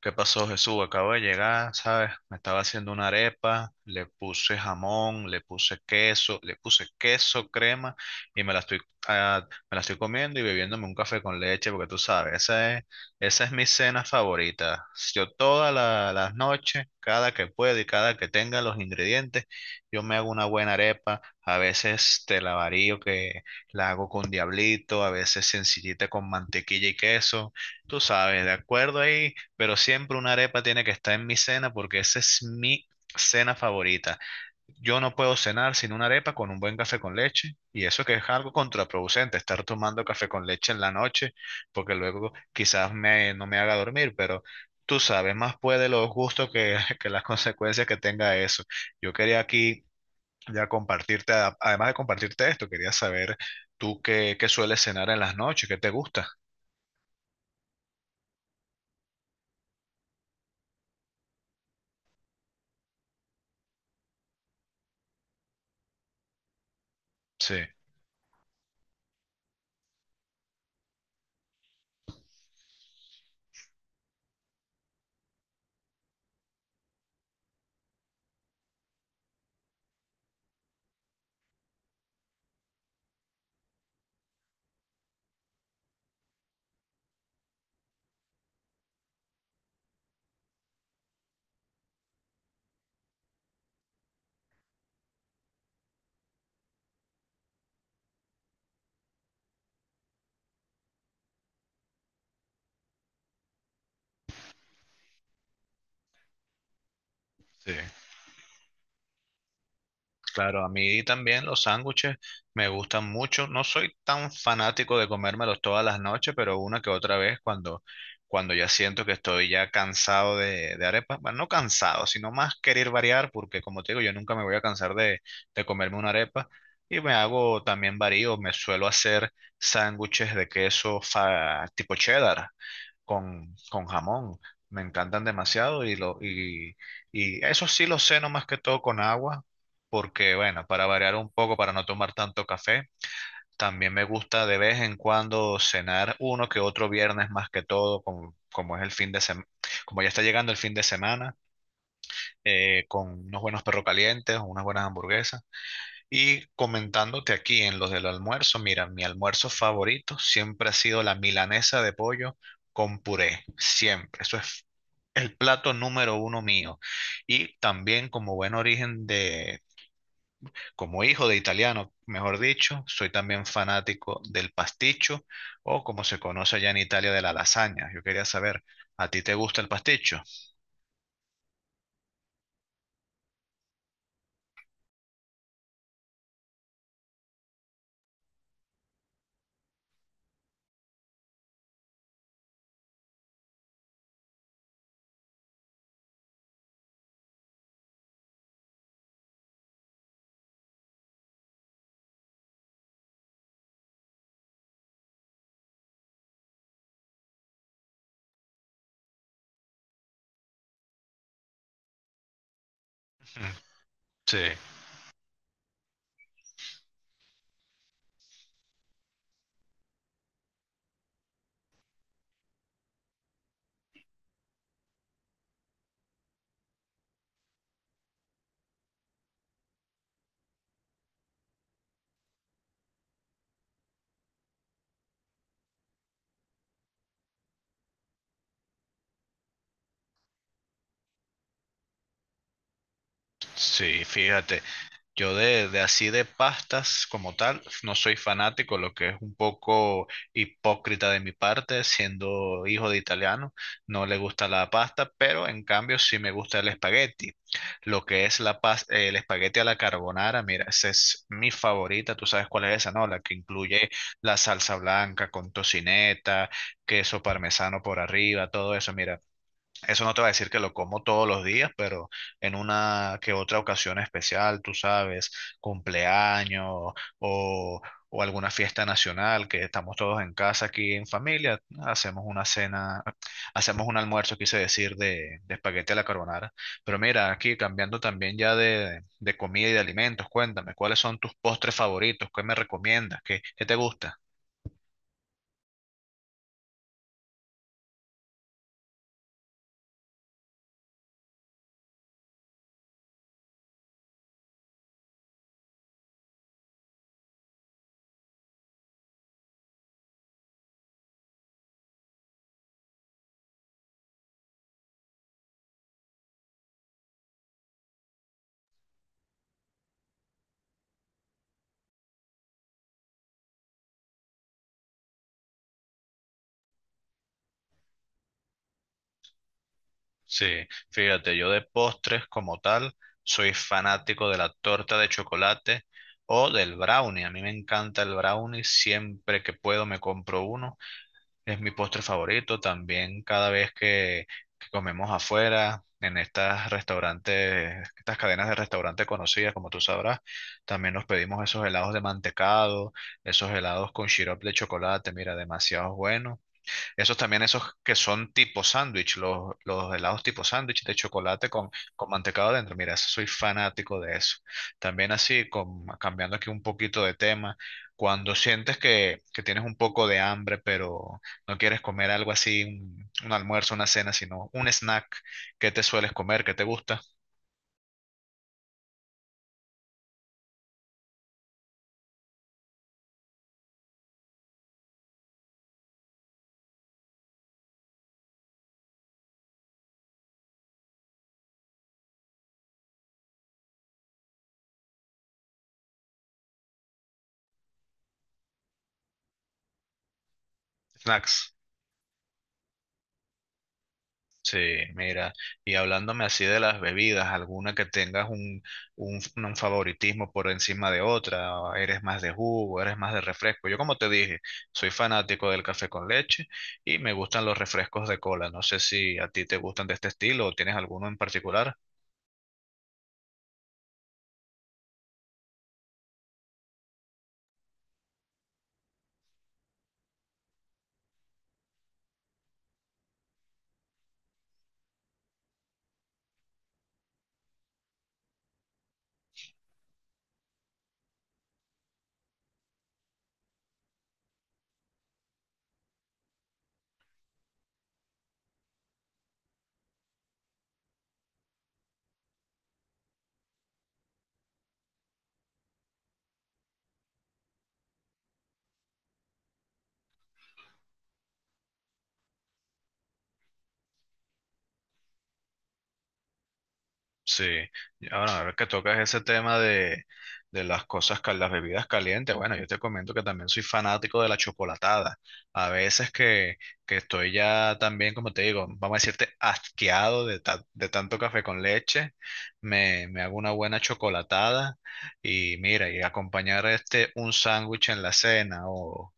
¿Qué pasó, Jesús? Acabo de llegar, ¿sabes? Me estaba haciendo una arepa, le puse jamón, le puse queso, crema y me la ah, me la estoy comiendo y bebiéndome un café con leche porque tú sabes, esa es mi cena favorita. Yo todas las noches, cada que puedo y cada que tenga los ingredientes, yo me hago una buena arepa. A veces te la varío que la hago con diablito, a veces sencillita con mantequilla y queso. Tú sabes, de acuerdo ahí, pero siempre una arepa tiene que estar en mi cena porque esa es mi cena favorita. Yo no puedo cenar sin una arepa con un buen café con leche, y eso que es algo contraproducente, estar tomando café con leche en la noche porque luego no me haga dormir, pero tú sabes, más puede los gustos que las consecuencias que tenga eso. Yo quería aquí ya compartirte, además de compartirte esto, quería saber tú qué sueles cenar en las noches, qué te gusta. Sí, sí. Claro, a mí también los sándwiches me gustan mucho. No soy tan fanático de comérmelos todas las noches, pero una que otra vez cuando ya siento que estoy ya cansado de arepas, bueno, no cansado, sino más querer variar, porque como te digo, yo nunca me voy a cansar de comerme una arepa. Y me hago también varío, me suelo hacer sándwiches de queso tipo cheddar con jamón. Me encantan demasiado y eso sí lo ceno más que todo con agua, porque bueno, para variar un poco, para no tomar tanto café, también me gusta de vez en cuando cenar uno que otro viernes más que todo, como es el fin de semana, como ya está llegando el fin de semana, con unos buenos perros calientes, unas buenas hamburguesas. Y comentándote aquí en los del almuerzo, mira, mi almuerzo favorito siempre ha sido la milanesa de pollo con puré, siempre. Eso es plato número uno mío. Y también como buen origen como hijo de italiano, mejor dicho, soy también fanático del pasticho o como se conoce allá en Italia de la lasaña. Yo quería saber, ¿a ti te gusta el pasticho? Sí. Sí, fíjate, yo de así de pastas como tal, no soy fanático, lo que es un poco hipócrita de mi parte, siendo hijo de italiano, no le gusta la pasta, pero en cambio sí me gusta el espagueti. Lo que es la el espagueti a la carbonara, mira, esa es mi favorita, tú sabes cuál es esa, ¿no? La que incluye la salsa blanca con tocineta, queso parmesano por arriba, todo eso, mira. Eso no te va a decir que lo como todos los días, pero en una que otra ocasión especial, tú sabes, cumpleaños o, o alguna fiesta nacional, que estamos todos en casa aquí en familia, hacemos una cena, hacemos un almuerzo, quise decir, de espagueti a la carbonara. Pero mira, aquí cambiando también ya de comida y de alimentos, cuéntame, ¿cuáles son tus postres favoritos? ¿Qué me recomiendas? ¿ qué te gusta? Sí, fíjate, yo de postres como tal soy fanático de la torta de chocolate o del brownie. A mí me encanta el brownie, siempre que puedo me compro uno. Es mi postre favorito también cada vez que comemos afuera, en estas restaurantes, estas cadenas de restaurantes conocidas, como tú sabrás, también nos pedimos esos helados de mantecado, esos helados con sirope de chocolate, mira, demasiado bueno. Esos también, esos que son tipo sándwich, los helados tipo sándwich de chocolate con mantecado adentro. Mira, eso soy fanático de eso. También así, con, cambiando aquí un poquito de tema, cuando sientes que tienes un poco de hambre, pero no quieres comer algo así, un almuerzo, una cena, sino un snack, ¿qué te sueles comer? ¿Qué te gusta? Snacks. Sí, mira, y hablándome así de las bebidas, ¿alguna que tengas un favoritismo por encima de otra? ¿O ¿eres más de jugo, eres más de refresco? Yo como te dije, soy fanático del café con leche y me gustan los refrescos de cola. No sé si a ti te gustan de este estilo o tienes alguno en particular. Sí, y ahora a ver que tocas ese tema de las cosas, las bebidas calientes. Bueno, yo te comento que también soy fanático de la chocolatada. A veces que estoy ya también, como te digo, vamos a decirte, asqueado de, de tanto café con leche, me hago una buena chocolatada y mira, y acompañar este un sándwich en la cena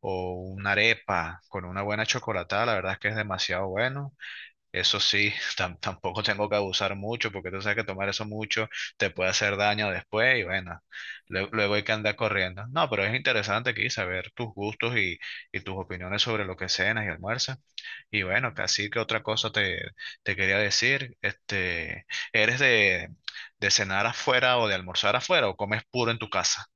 o una arepa con una buena chocolatada, la verdad es que es demasiado bueno. Eso sí, tampoco tengo que abusar mucho, porque tú sabes que tomar eso mucho te puede hacer daño después y bueno, luego hay que andar corriendo. No, pero es interesante aquí saber tus gustos y tus opiniones sobre lo que cenas y almuerzas. Y bueno, así que otra cosa te quería decir, este, ¿eres de cenar afuera o de almorzar afuera o comes puro en tu casa?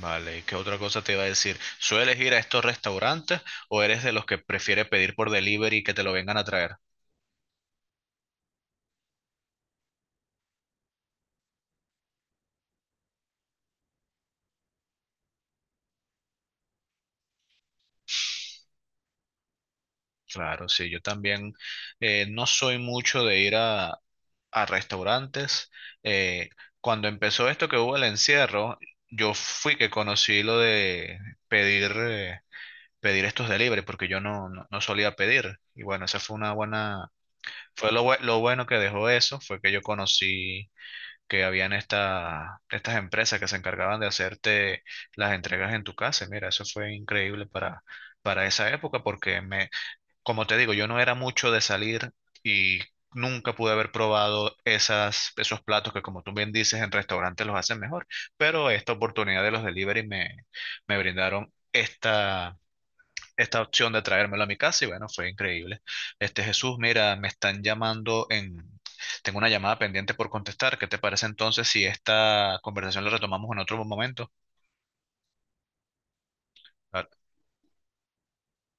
Vale, ¿y qué otra cosa te iba a decir? ¿Sueles ir a estos restaurantes o eres de los que prefiere pedir por delivery y que te lo vengan a traer? Claro, sí, yo también, no soy mucho de ir a restaurantes. Eh, cuando empezó esto que hubo el encierro, yo fui que conocí lo de pedir, pedir estos delivery, porque yo no solía pedir. Y bueno, esa fue una buena, fue lo, lo bueno que dejó eso, fue que yo conocí que habían esta, estas empresas que se encargaban de hacerte las entregas en tu casa. Mira, eso fue increíble para esa época, porque como te digo, yo no era mucho de salir y nunca pude haber probado esas, esos platos que, como tú bien dices, en restaurantes los hacen mejor. Pero esta oportunidad de los delivery me brindaron esta, esta opción de traérmelo a mi casa y bueno, fue increíble. Este Jesús, mira, me están llamando en... Tengo una llamada pendiente por contestar. ¿Qué te parece entonces si esta conversación la retomamos en otro momento? Ah,